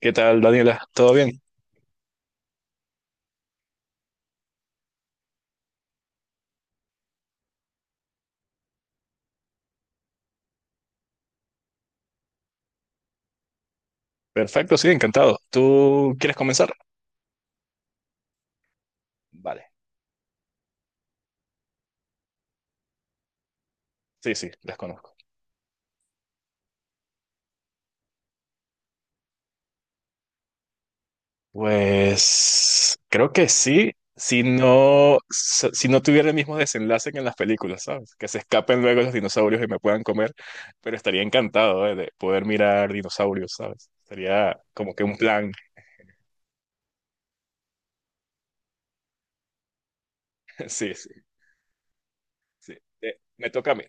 ¿Qué tal, Daniela? ¿Todo bien? Perfecto, sí, encantado. ¿Tú quieres comenzar? Vale. Sí, sí, las conozco. Pues creo que sí, si no, si no tuviera el mismo desenlace que en las películas, ¿sabes? Que se escapen luego los dinosaurios y me puedan comer, pero estaría encantado, de poder mirar dinosaurios, ¿sabes? Sería como que un plan. Sí, sí, sí. Me toca a mí.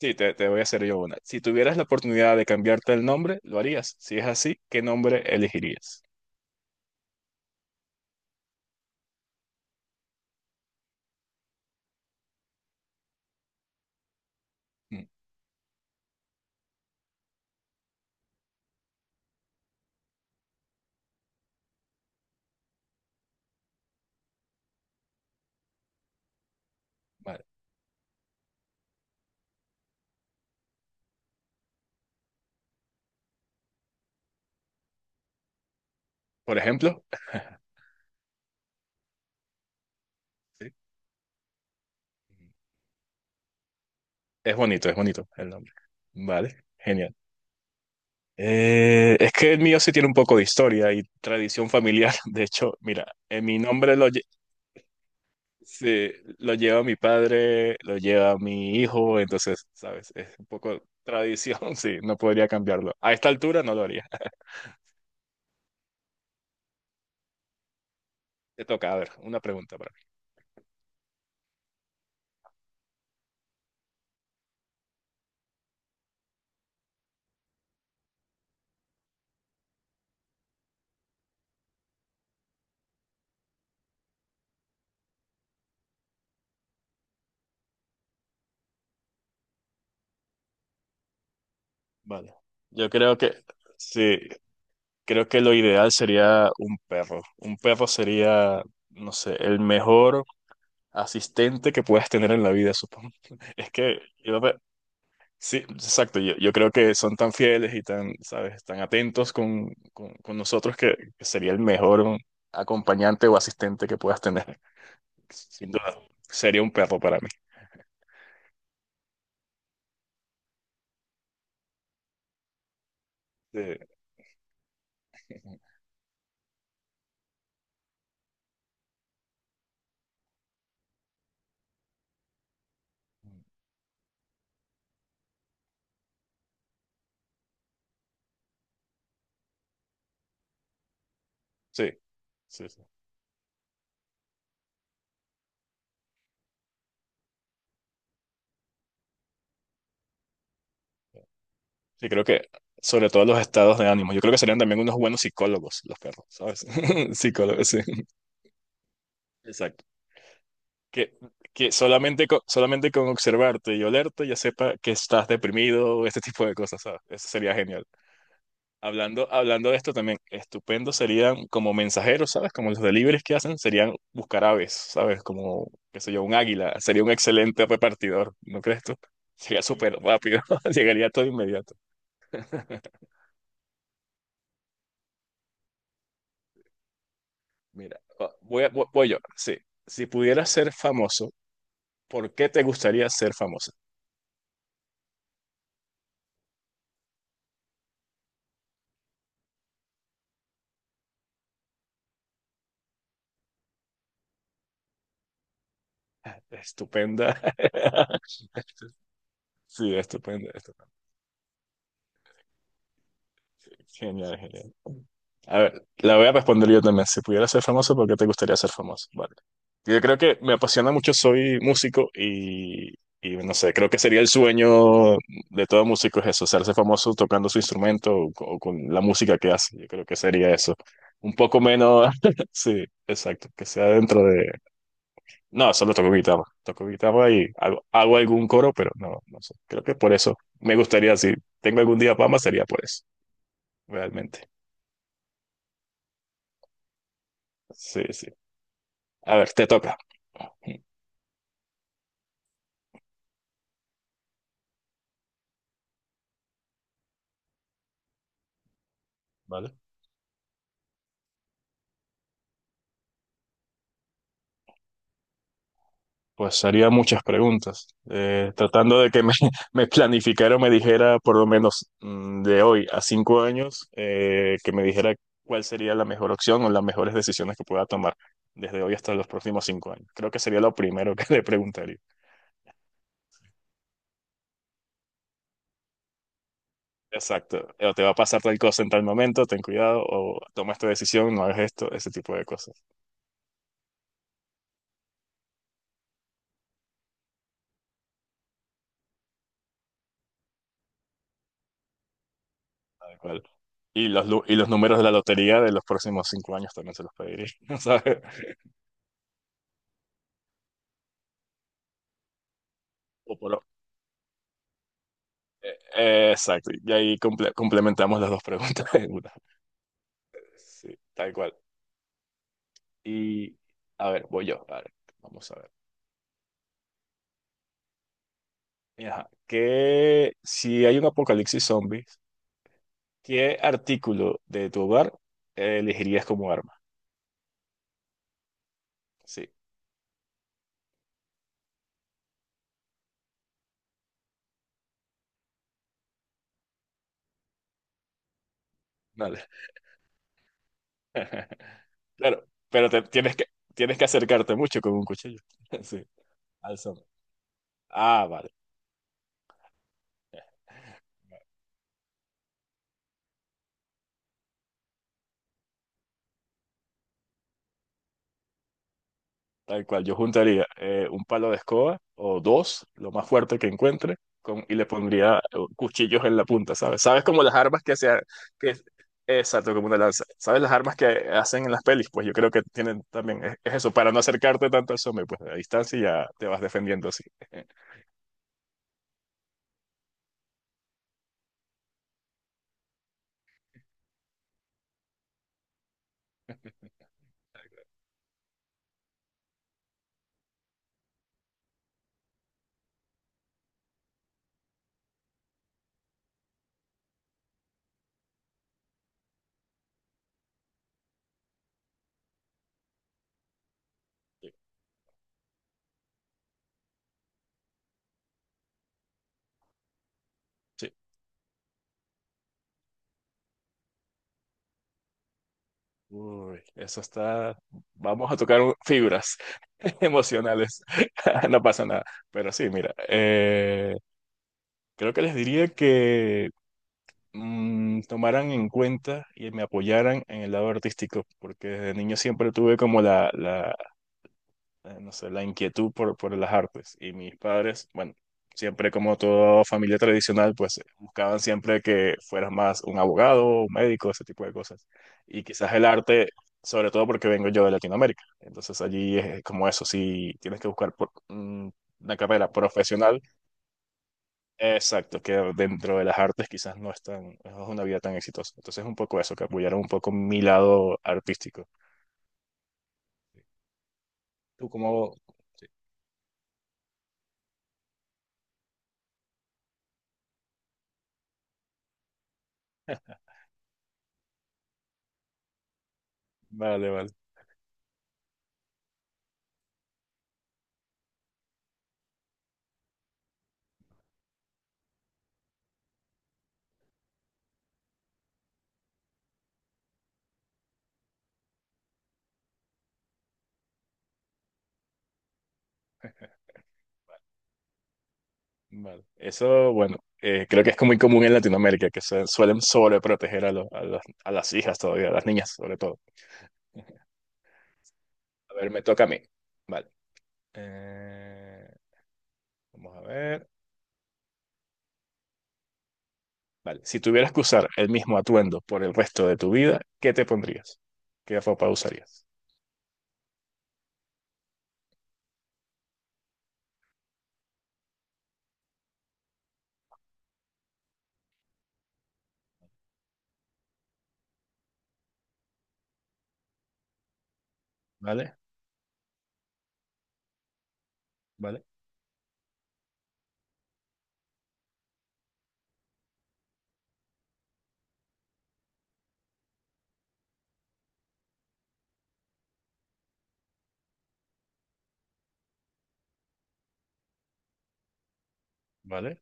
Sí, te voy a hacer yo una. Si tuvieras la oportunidad de cambiarte el nombre, ¿lo harías? Si es así, ¿qué nombre elegirías? Mm. Vale. Por ejemplo, sí. Es bonito, es bonito el nombre. Vale, genial. Es que el mío sí tiene un poco de historia y tradición familiar. De hecho, mira, en mi nombre, sí, lo lleva mi padre, lo lleva mi hijo, entonces, ¿sabes? Es un poco tradición, sí, no podría cambiarlo. A esta altura no lo haría. Te toca, a ver, una pregunta para mí. Vale. Yo creo que, sí, creo que lo ideal sería un perro. Un perro sería, no sé, el mejor asistente que puedas tener en la vida, supongo. Es que, yo ve- sí, exacto, yo creo que son tan fieles y tan, ¿sabes? Tan atentos con nosotros, que sería el mejor acompañante o asistente que puedas tener. Sin duda, sería un perro para mí. Eh, Sí, sí, sí. Sí, creo que sobre todo los estados de ánimo. Yo creo que serían también unos buenos psicólogos los perros, ¿sabes? Psicólogos, sí. Exacto. Que, que solamente con observarte y olerte ya sepa que estás deprimido o este tipo de cosas, ¿sabes? Eso sería genial. Hablando de esto también, estupendo serían como mensajeros, ¿sabes? Como los deliveries que hacen, serían buscar aves, ¿sabes? Como, qué sé yo, un águila. Sería un excelente repartidor, ¿no crees tú? Sería súper rápido, llegaría todo inmediato. Mira, voy yo, sí. Si pudieras ser famoso, ¿por qué te gustaría ser famoso? Estupenda. Sí, estupenda. Genial, genial. A ver, la voy a responder yo también. Si pudiera ser famoso, ¿por qué te gustaría ser famoso? Vale. Yo creo que me apasiona mucho, soy músico y no sé, creo que sería el sueño de todo músico es eso, hacerse famoso tocando su instrumento o con la música que hace. Yo creo que sería eso. Un poco menos, sí, exacto, que sea dentro de... No, solo toco guitarra y hago algún coro, pero no, no sé. Creo que por eso me gustaría, si tengo algún día fama, sería por eso, realmente. Sí, sí. A ver, te toca. ¿Vale? Pues haría muchas preguntas, tratando de que me, me planificara o me dijera, por lo menos, de hoy a 5 años, que me dijera cuál sería la mejor opción o las mejores decisiones que pueda tomar desde hoy hasta los próximos 5 años. Creo que sería lo primero que le preguntaría. Exacto. O te va a pasar tal cosa en tal momento, ten cuidado, o toma esta decisión, no hagas esto, ese tipo de cosas. Tal cual. Y los números de la lotería de los próximos 5 años también se los pediría, ¿sabes? O por, Exacto, y ahí complementamos las dos preguntas en una. Sí, tal cual. Y a ver, voy yo. A ver, vamos a ver. Ajá. Si hay un apocalipsis zombies, ¿qué artículo de tu hogar elegirías como arma? Sí, dale. Claro, pero tienes que acercarte mucho con un cuchillo. Sí, al zombie. Ah, vale. Tal cual, yo juntaría un palo de escoba o dos, lo más fuerte que encuentre, y le pondría cuchillos en la punta, ¿sabes? ¿Sabes como las armas que se… Que, exacto, como una lanza. ¿Sabes las armas que hacen en las pelis? Pues yo creo que tienen también. Es eso, para no acercarte tanto al zombie, pues a distancia ya te vas defendiendo así. Sí. Uy, eso está. Vamos a tocar fibras emocionales. No pasa nada. Pero sí, mira, creo que les diría que tomaran en cuenta y me apoyaran en el lado artístico, porque desde niño siempre tuve como no sé, la inquietud por las artes. Y mis padres, bueno, siempre como toda familia tradicional, pues buscaban siempre que fueras más un abogado, un médico, ese tipo de cosas. Y quizás el arte, sobre todo porque vengo yo de Latinoamérica. Entonces allí es como eso, si tienes que buscar por, una carrera profesional. Exacto, que dentro de las artes quizás no es una vida tan exitosa. Entonces un poco eso, que apoyaron un poco mi lado artístico. ¿Tú cómo? Sí, vale, vale, vale. Eso, bueno, creo que es muy común en Latinoamérica, que se suelen sobreproteger a las hijas todavía, a las niñas sobre todo. A ver, me toca a mí. Vale. Eh, vamos a ver. Vale. Si tuvieras que usar el mismo atuendo por el resto de tu vida, ¿qué te pondrías? ¿Qué ropa usarías? ¿Vale? ¿Vale? ¿Vale?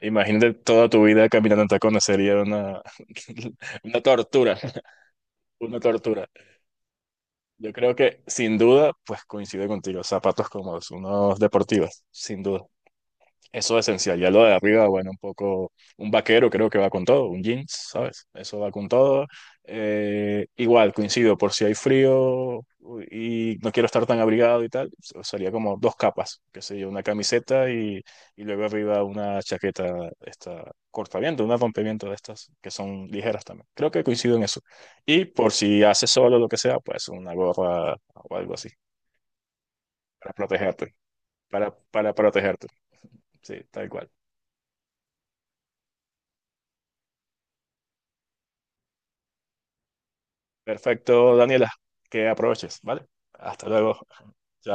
Imagínate toda tu vida caminando en tacones, sería una, una tortura, una tortura. Yo creo que sin duda, pues coincido contigo, zapatos cómodos, unos deportivos, sin duda. Eso es esencial. Ya lo de arriba, bueno, un poco, un vaquero creo que va con todo, un jeans, ¿sabes? Eso va con todo. Igual, coincido, por si hay frío y no quiero estar tan abrigado y tal, sería como dos capas, que yo una camiseta y luego arriba una chaqueta, esta, cortaviento, una rompeviento de estas, que son ligeras también. Creo que coincido en eso. Y por si hace solo lo que sea, pues una gorra o algo así, para protegerte, para protegerte, sí, tal cual. Perfecto, Daniela, que aproveches, ¿vale? Hasta luego. Chao.